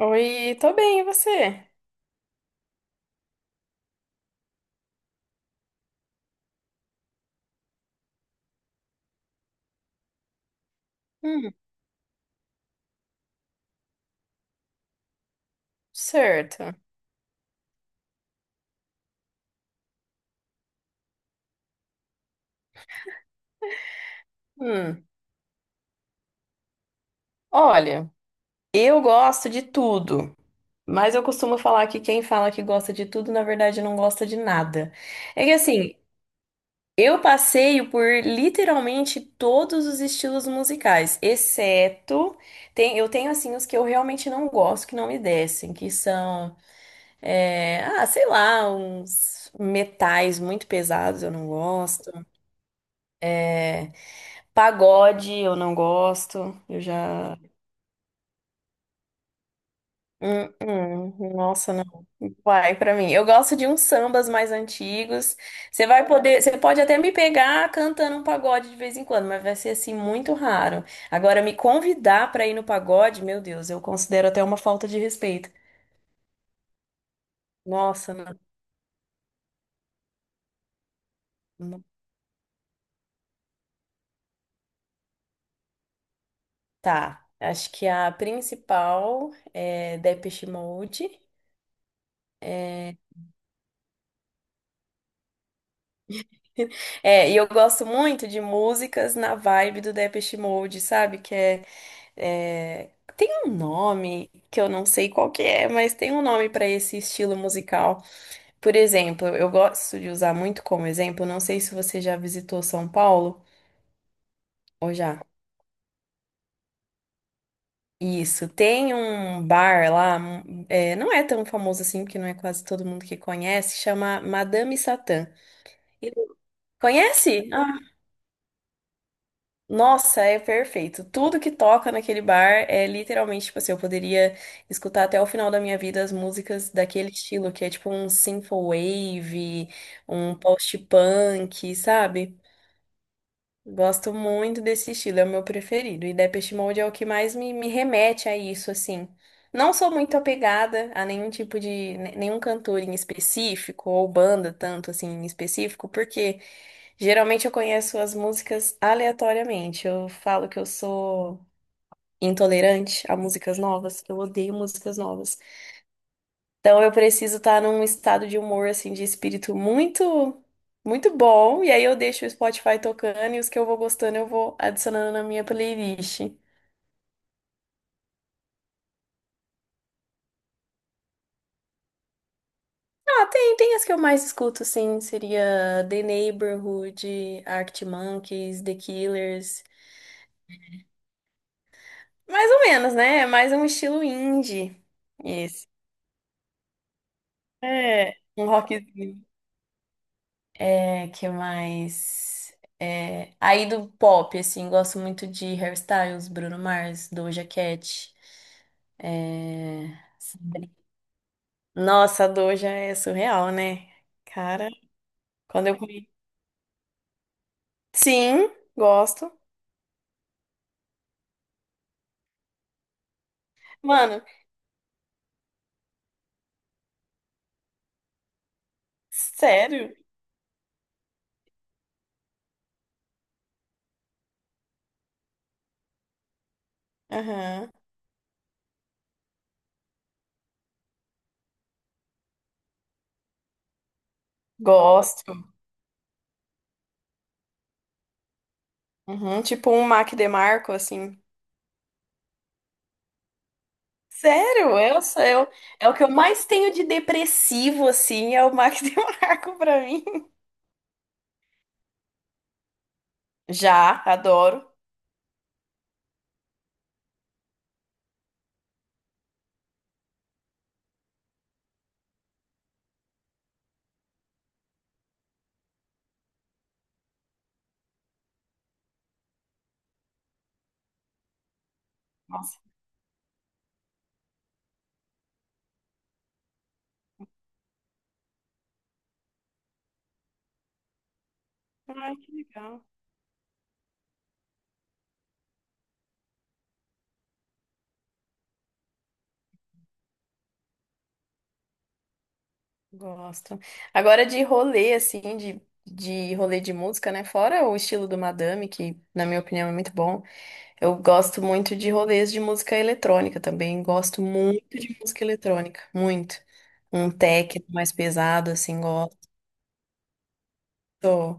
Oi, tô bem, e você? Hum, certo. Hum. Olha, eu gosto de tudo, mas eu costumo falar que quem fala que gosta de tudo, na verdade, não gosta de nada. É que assim, eu passeio por literalmente todos os estilos musicais, exceto eu tenho assim os que eu realmente não gosto, que não me descem, que são, é, ah, sei lá, uns metais muito pesados, eu não gosto. Pagode, eu não gosto. Eu já. Nossa, não vai pra mim. Eu gosto de uns sambas mais antigos. Você pode até me pegar cantando um pagode de vez em quando, mas vai ser assim muito raro. Agora, me convidar pra ir no pagode, meu Deus, eu considero até uma falta de respeito. Nossa, não. não- Tá. Acho que a principal é Depeche Mode. É, e eu gosto muito de músicas na vibe do Depeche Mode, sabe? É, Tem um nome que eu não sei qual que é, mas tem um nome para esse estilo musical. Por exemplo, eu gosto de usar muito como exemplo, não sei se você já visitou São Paulo ou já. Isso, tem um bar lá, não é tão famoso assim, porque não é quase todo mundo que conhece, chama Madame Satã. E- Conhece? Ah, nossa, é perfeito. Tudo que toca naquele bar é literalmente, tipo assim, eu poderia escutar até o final da minha vida as músicas daquele estilo, que é tipo um synth wave, um post-punk, sabe? Gosto muito desse estilo, é o meu preferido. E Depeche Mode é o que mais me, remete a isso, assim. Não sou muito apegada a nenhum tipo de, nenhum cantor em específico, ou banda tanto assim em específico, porque. Geralmente eu conheço as músicas aleatoriamente. Eu falo que eu sou intolerante a músicas novas. Eu odeio músicas novas. Então eu preciso estar num estado de humor assim de espírito muito muito bom e aí eu deixo o Spotify tocando e os que eu vou gostando eu vou adicionando na minha playlist. Ah, tem as que eu mais escuto, sim. Seria The Neighborhood, Arctic Monkeys, The Killers. Mais ou menos, né? É mais um estilo indie. Esse. É, um rockzinho. É, que mais? É, aí do pop, assim, gosto muito de Hairstyles, Bruno Mars, Doja Cat. É, nossa, a Doja é surreal, né? Cara, quando eu conheci. Sim, gosto. Mano, sério? Aham. Gosto. Uhum, tipo um Mac DeMarco, assim. Sério, eu sou eu. É o que eu mais tenho de depressivo, assim, é o Mac DeMarco pra mim. Já, adoro. Nossa. Ai, que legal. Gosto. Agora de rolê, assim, de rolê de música, né? Fora o estilo do Madame, que na minha opinião é muito bom. Eu gosto muito de rolês de música eletrônica também. Gosto muito de música eletrônica. Muito. Um tech mais pesado, assim, gosto.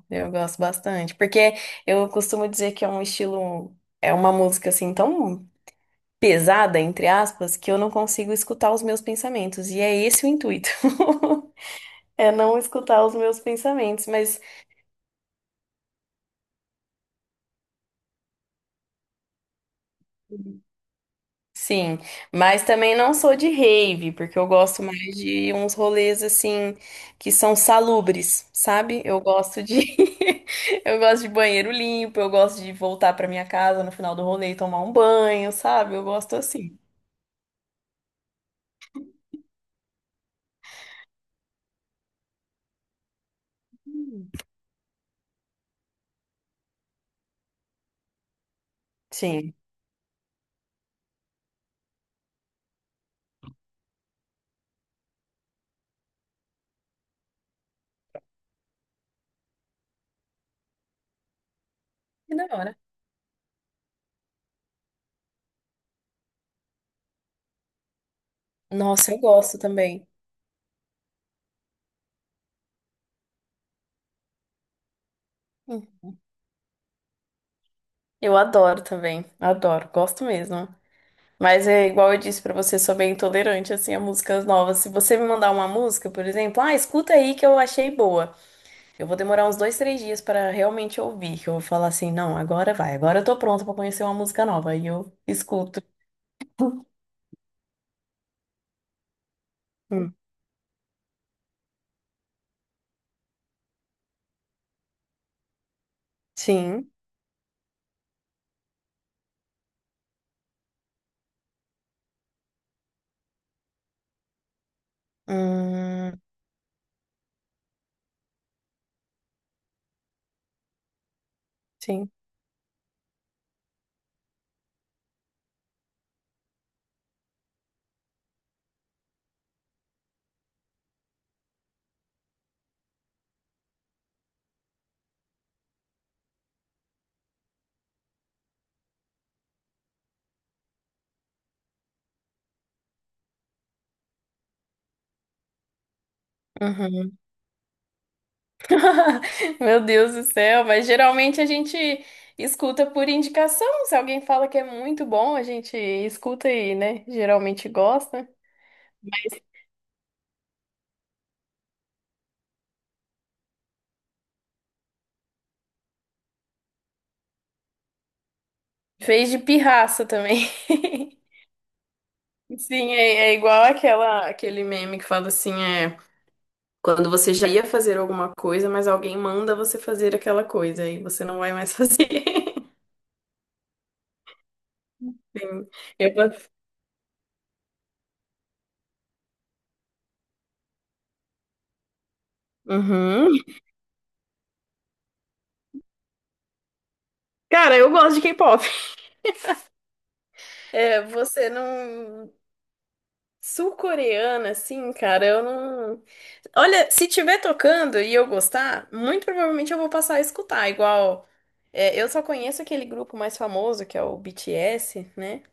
Eu gosto bastante. Porque eu costumo dizer que é um estilo. É uma música, assim, tão pesada, entre aspas, que eu não consigo escutar os meus pensamentos. E é esse o intuito. É não escutar os meus pensamentos, mas sim, mas também não sou de rave, porque eu gosto mais de uns rolês assim que são salubres, sabe? Eu gosto de eu gosto de banheiro limpo, eu gosto de voltar pra minha casa no final do rolê e tomar um banho, sabe? Eu gosto assim. Hum, Sim. Que da hora. Nossa, eu gosto também. Eu adoro também, adoro, gosto mesmo. Mas é igual eu disse pra você, sou bem intolerante assim a músicas novas. Se você me mandar uma música, por exemplo, ah, escuta aí que eu achei boa. Eu vou demorar uns dois, três dias pra realmente ouvir, que eu vou falar assim, não, agora vai, agora eu tô pronta pra conhecer uma música nova. E eu escuto. Hum, Sim. Hum, sim. Uhum. Meu Deus do céu, mas geralmente a gente escuta por indicação. Se alguém fala que é muito bom, a gente escuta e, né? Geralmente gosta. Fez de pirraça também. Sim, é igual aquela, aquele meme que fala assim, é quando você já ia fazer alguma coisa, mas alguém manda você fazer aquela coisa e você não vai mais fazer. Sim, eu... Uhum. Cara, eu gosto de K-pop. É, você não. Sul-coreana, assim, cara, eu não. Olha, se tiver tocando e eu gostar, muito provavelmente eu vou passar a escutar. Igual, é, eu só conheço aquele grupo mais famoso, que é o BTS, né?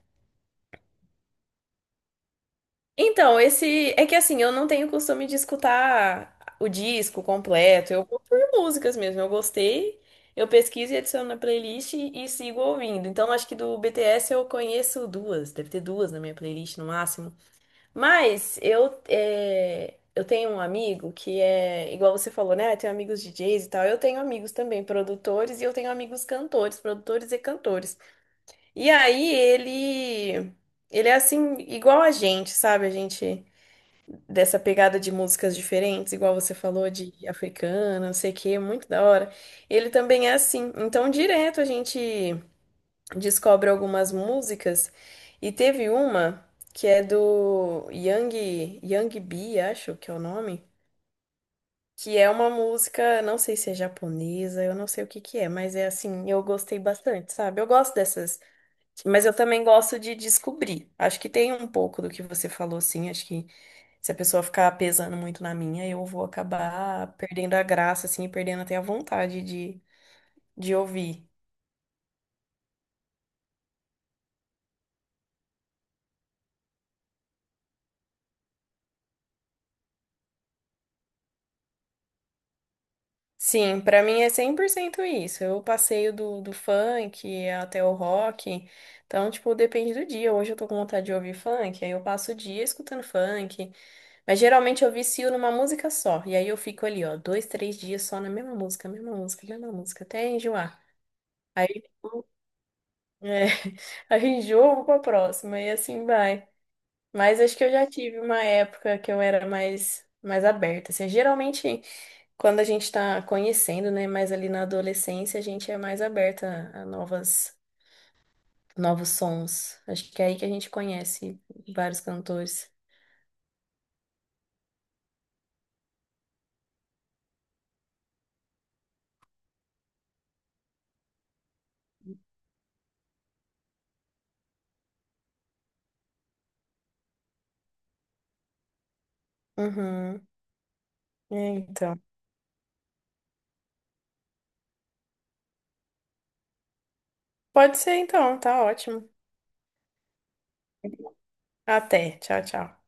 Então, esse. É que assim, eu não tenho costume de escutar o disco completo. Eu vou por músicas mesmo. Eu gostei, eu pesquiso e adiciono na playlist e sigo ouvindo. Então, acho que do BTS eu conheço duas. Deve ter duas na minha playlist no máximo. Mas eu tenho um amigo que é, igual você falou, né? Tem amigos DJs e tal. Eu tenho amigos também produtores e eu tenho amigos cantores, produtores e cantores. E aí ele é assim, igual a gente, sabe? A gente, dessa pegada de músicas diferentes, igual você falou de africana, não sei o quê, muito da hora. Ele também é assim. Então, direto a gente descobre algumas músicas e teve uma que é do Yang, Yang Bi, acho que é o nome, que é uma música, não sei se é japonesa, eu não sei o que que é, mas é assim, eu gostei bastante, sabe? Eu gosto dessas, mas eu também gosto de descobrir. Acho que tem um pouco do que você falou, assim, acho que se a pessoa ficar pesando muito na minha, eu vou acabar perdendo a graça, assim, e perdendo até a vontade de, ouvir. Sim, pra mim é 100% isso. Eu passeio do funk até o rock. Então, tipo, depende do dia. Hoje eu tô com vontade de ouvir funk, aí eu passo o dia escutando funk. Mas geralmente eu vicio numa música só. E aí eu fico ali, ó, dois, três dias só na mesma música, mesma música, mesma música, até enjoar. Aí, tipo, é, aí enjoo, eu vou pra próxima e assim vai. Mas acho que eu já tive uma época que eu era mais aberta. Assim, geralmente. Quando a gente está conhecendo, né, mais ali na adolescência, a gente é mais aberta a novas, novos sons. Acho que é aí que a gente conhece vários cantores. Uhum. É, então. Pode ser então, tá ótimo. Até. Tchau, tchau.